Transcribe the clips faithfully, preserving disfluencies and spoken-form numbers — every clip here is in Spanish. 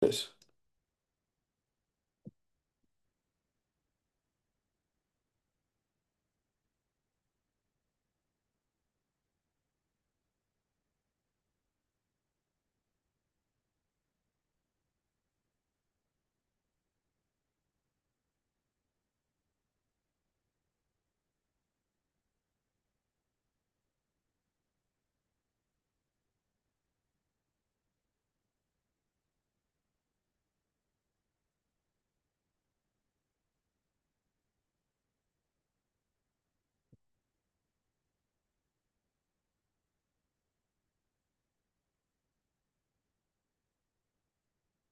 Eso.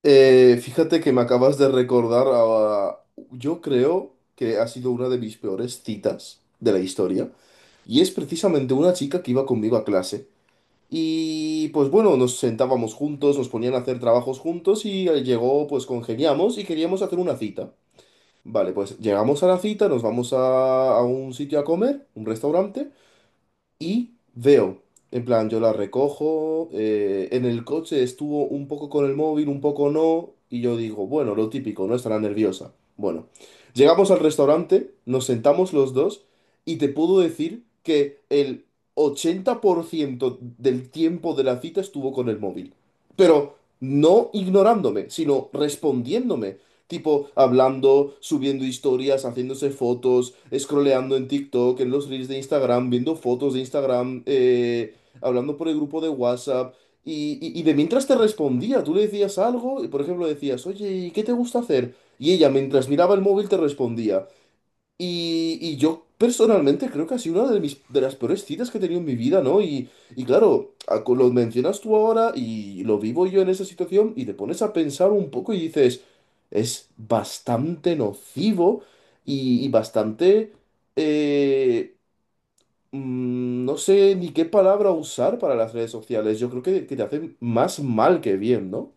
Eh, fíjate que me acabas de recordar a- yo creo que ha sido una de mis peores citas de la historia. Y es precisamente una chica que iba conmigo a clase. Y pues bueno, nos sentábamos juntos, nos ponían a hacer trabajos juntos y eh, llegó, pues congeniamos y queríamos hacer una cita. Vale, pues llegamos a la cita, nos vamos a, a un sitio a comer, un restaurante. Y veo, en plan, yo la recojo, eh, en el coche estuvo un poco con el móvil, un poco no, y yo digo, bueno, lo típico, no estará nerviosa. Bueno, llegamos al restaurante, nos sentamos los dos y te puedo decir que el ochenta por ciento del tiempo de la cita estuvo con el móvil. Pero no ignorándome, sino respondiéndome. Tipo, hablando, subiendo historias, haciéndose fotos, scrolleando en TikTok, en los reels de Instagram, viendo fotos de Instagram, eh, hablando por el grupo de WhatsApp. Y, y- y de mientras te respondía, tú le decías algo, y por ejemplo decías, oye, ¿y qué te gusta hacer? Y ella, mientras miraba el móvil, te respondía. Y, y yo personalmente creo que ha sido una de mis, de las peores citas que he tenido en mi vida, ¿no? Y, y claro, a- co- lo mencionas tú ahora y lo vivo yo en esa situación y te pones a pensar un poco y dices, es bastante nocivo y, y bastante, eh, mm, no sé ni qué palabra usar para las redes sociales. Yo creo que, que te hacen más mal que bien, ¿no?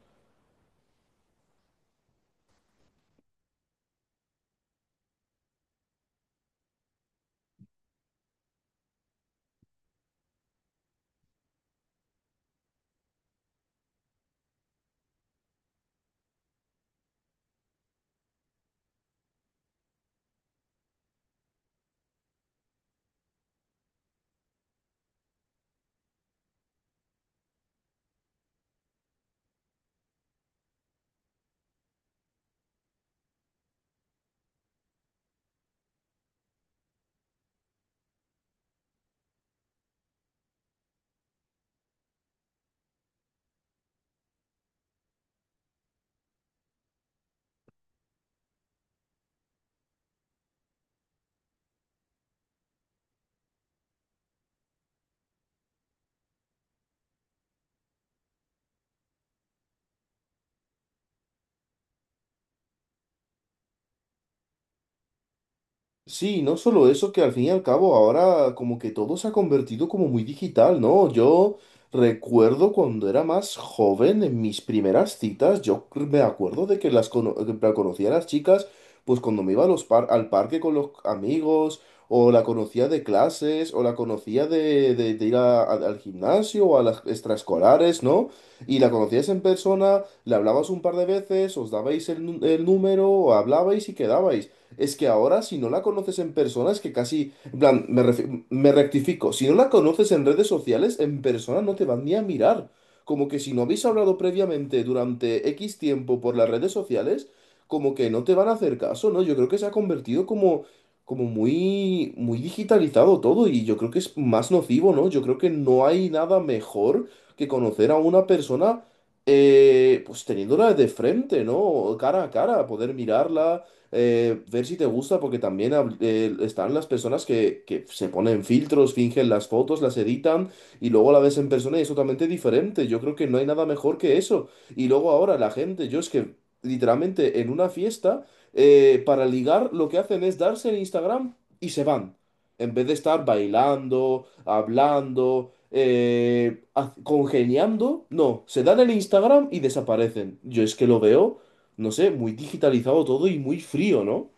Sí, no solo eso, que al fin y al cabo ahora como que todo se ha convertido como muy digital, ¿no? Yo recuerdo cuando era más joven, en mis primeras citas, yo me acuerdo de que las cono- que la conocía a las chicas, pues cuando me iba a los par- al parque con los amigos, o la conocía de clases, o la conocía de, de- de ir a- a- al gimnasio o a las extraescolares, ¿no? Y la conocías en persona, le hablabas un par de veces, os dabais el, nu- el número, hablabais y quedabais. Es que ahora, si no la conoces en persona, es que casi, en plan, me, refi- me rectifico, si no la conoces en redes sociales, en persona no te van ni a mirar. Como que si no habéis hablado previamente durante equis tiempo por las redes sociales, como que no te van a hacer caso, ¿no? Yo creo que se ha convertido como, como muy, muy digitalizado todo y yo creo que es más nocivo, ¿no? Yo creo que no hay nada mejor que conocer a una persona, eh, pues teniéndola de frente, ¿no? Cara a cara, poder mirarla, eh, ver si te gusta, porque también hab- eh, están las personas que, que se ponen filtros, fingen las fotos, las editan y luego la ves en persona y es totalmente diferente. Yo creo que no hay nada mejor que eso. Y luego ahora la gente, yo es que literalmente en una fiesta, eh, para ligar, lo que hacen es darse en Instagram y se van. En vez de estar bailando, hablando, eh, ha- congeniando, no, se dan el Instagram y desaparecen. Yo es que lo veo, no sé, muy digitalizado todo y muy frío, ¿no?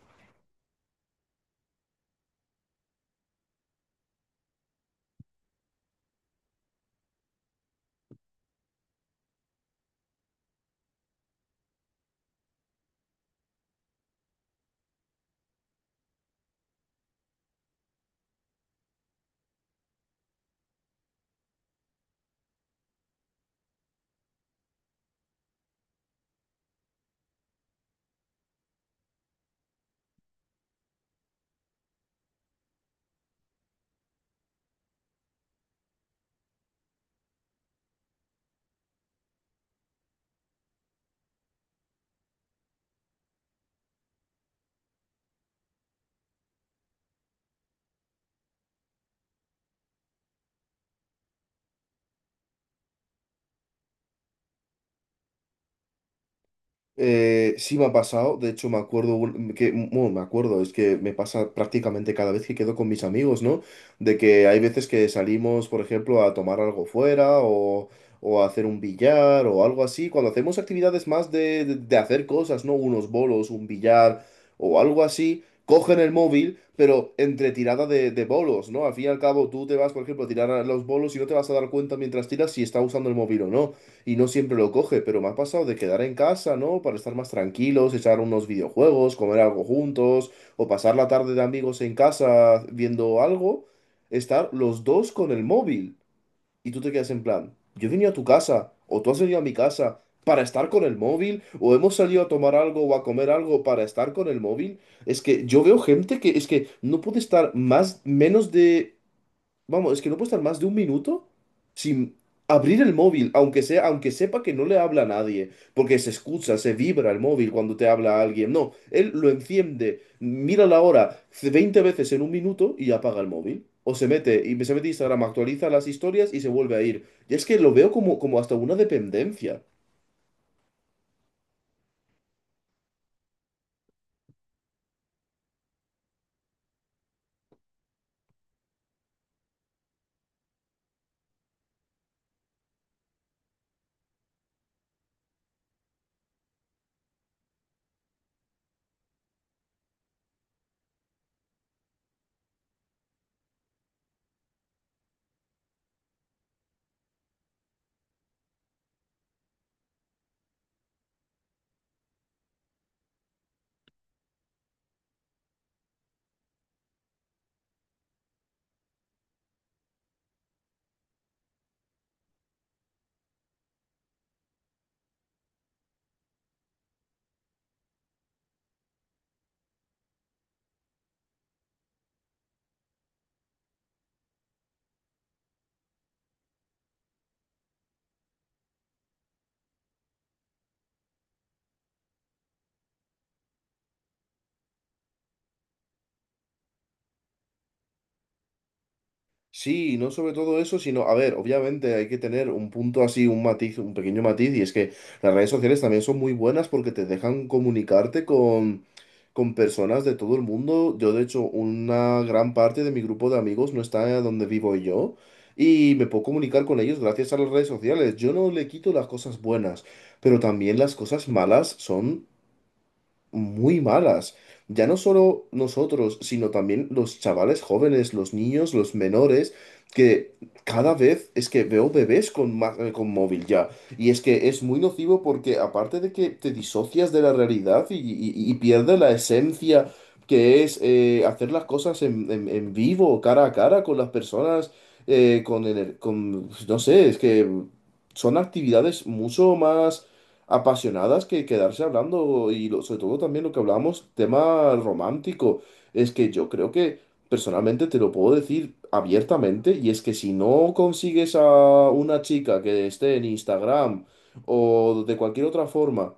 Eh, sí me ha pasado, de hecho me acuerdo un- que, bueno, me acuerdo, es que me pasa prácticamente cada vez que quedo con mis amigos, ¿no? De que hay veces que salimos, por ejemplo, a tomar algo fuera o, o a hacer un billar o algo así, cuando hacemos actividades más de, de- de hacer cosas, ¿no? Unos bolos, un billar o algo así, cogen el móvil, pero entre tirada de, de bolos, ¿no? Al fin y al cabo tú te vas, por ejemplo, a tirar a los bolos y no te vas a dar cuenta mientras tiras si está usando el móvil o no. Y no siempre lo coge, pero me ha pasado de quedar en casa, ¿no? Para estar más tranquilos, echar unos videojuegos, comer algo juntos, o pasar la tarde de amigos en casa viendo algo, estar los dos con el móvil. Y tú te quedas en plan, yo he venido a tu casa, o tú has venido a mi casa para estar con el móvil, o hemos salido a tomar algo o a comer algo para estar con el móvil. Es que yo veo gente que es que no puede estar más, menos de. Vamos, es que no puedo estar más de un minuto sin abrir el móvil, aunque sea, aunque sepa que no le habla a nadie, porque se escucha, se vibra el móvil cuando te habla a alguien. No, él lo enciende, mira la hora veinte veces en un minuto y apaga el móvil. O se mete, y se mete a Instagram, actualiza las historias y se vuelve a ir. Y es que lo veo como, como hasta una dependencia. Sí, y no sobre todo eso, sino, a ver, obviamente hay que tener un punto así, un matiz, un pequeño matiz, y es que las redes sociales también son muy buenas porque te dejan comunicarte con, con personas de todo el mundo. Yo, de hecho, una gran parte de mi grupo de amigos no está donde vivo yo, y me puedo comunicar con ellos gracias a las redes sociales. Yo no le quito las cosas buenas, pero también las cosas malas son muy malas. Ya no solo nosotros, sino también los chavales jóvenes, los niños, los menores, que cada vez es que veo bebés con, ma- eh, con móvil ya. Y es que es muy nocivo porque aparte de que te disocias de la realidad y, y- y pierdes la esencia que es, eh, hacer las cosas en, en- en vivo, cara a cara con las personas, eh, con, ener- con, pues, no sé, es que son actividades mucho más apasionadas que quedarse hablando y lo- sobre todo también lo que hablamos, tema romántico. Es que yo creo que personalmente te lo puedo decir abiertamente y es que si no consigues a una chica que esté en Instagram o de cualquier otra forma,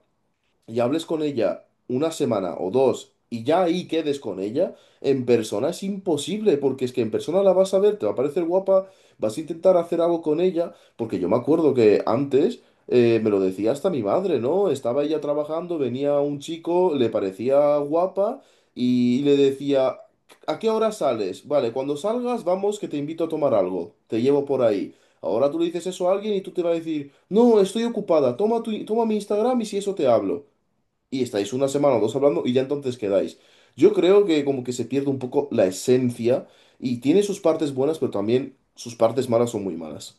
y hables con ella una semana o dos y ya ahí quedes con ella, en persona es imposible, porque es que en persona la vas a ver, te va a parecer guapa, vas a intentar hacer algo con ella, porque yo me acuerdo que antes, eh, me lo decía hasta mi madre, ¿no? Estaba ella trabajando, venía un chico, le parecía guapa y le decía, ¿a qué hora sales? Vale, cuando salgas, vamos que te invito a tomar algo. Te llevo por ahí. Ahora tú le dices eso a alguien y tú te va a decir, no, estoy ocupada, toma tu, toma mi Instagram y si eso te hablo y estáis una semana o dos hablando y ya entonces quedáis. Yo creo que como que se pierde un poco la esencia y tiene sus partes buenas, pero también sus partes malas son muy malas.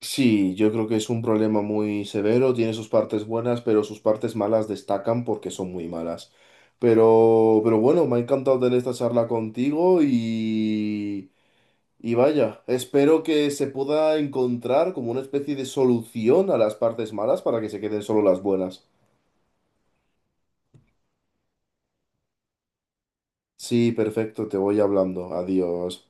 Sí, yo creo que es un problema muy severo, tiene sus partes buenas, pero sus partes malas destacan porque son muy malas. Pero, pero bueno, me ha encantado tener esta charla contigo y, y vaya, espero que se pueda encontrar como una especie de solución a las partes malas para que se queden solo las buenas. Sí, perfecto, te voy hablando. Adiós.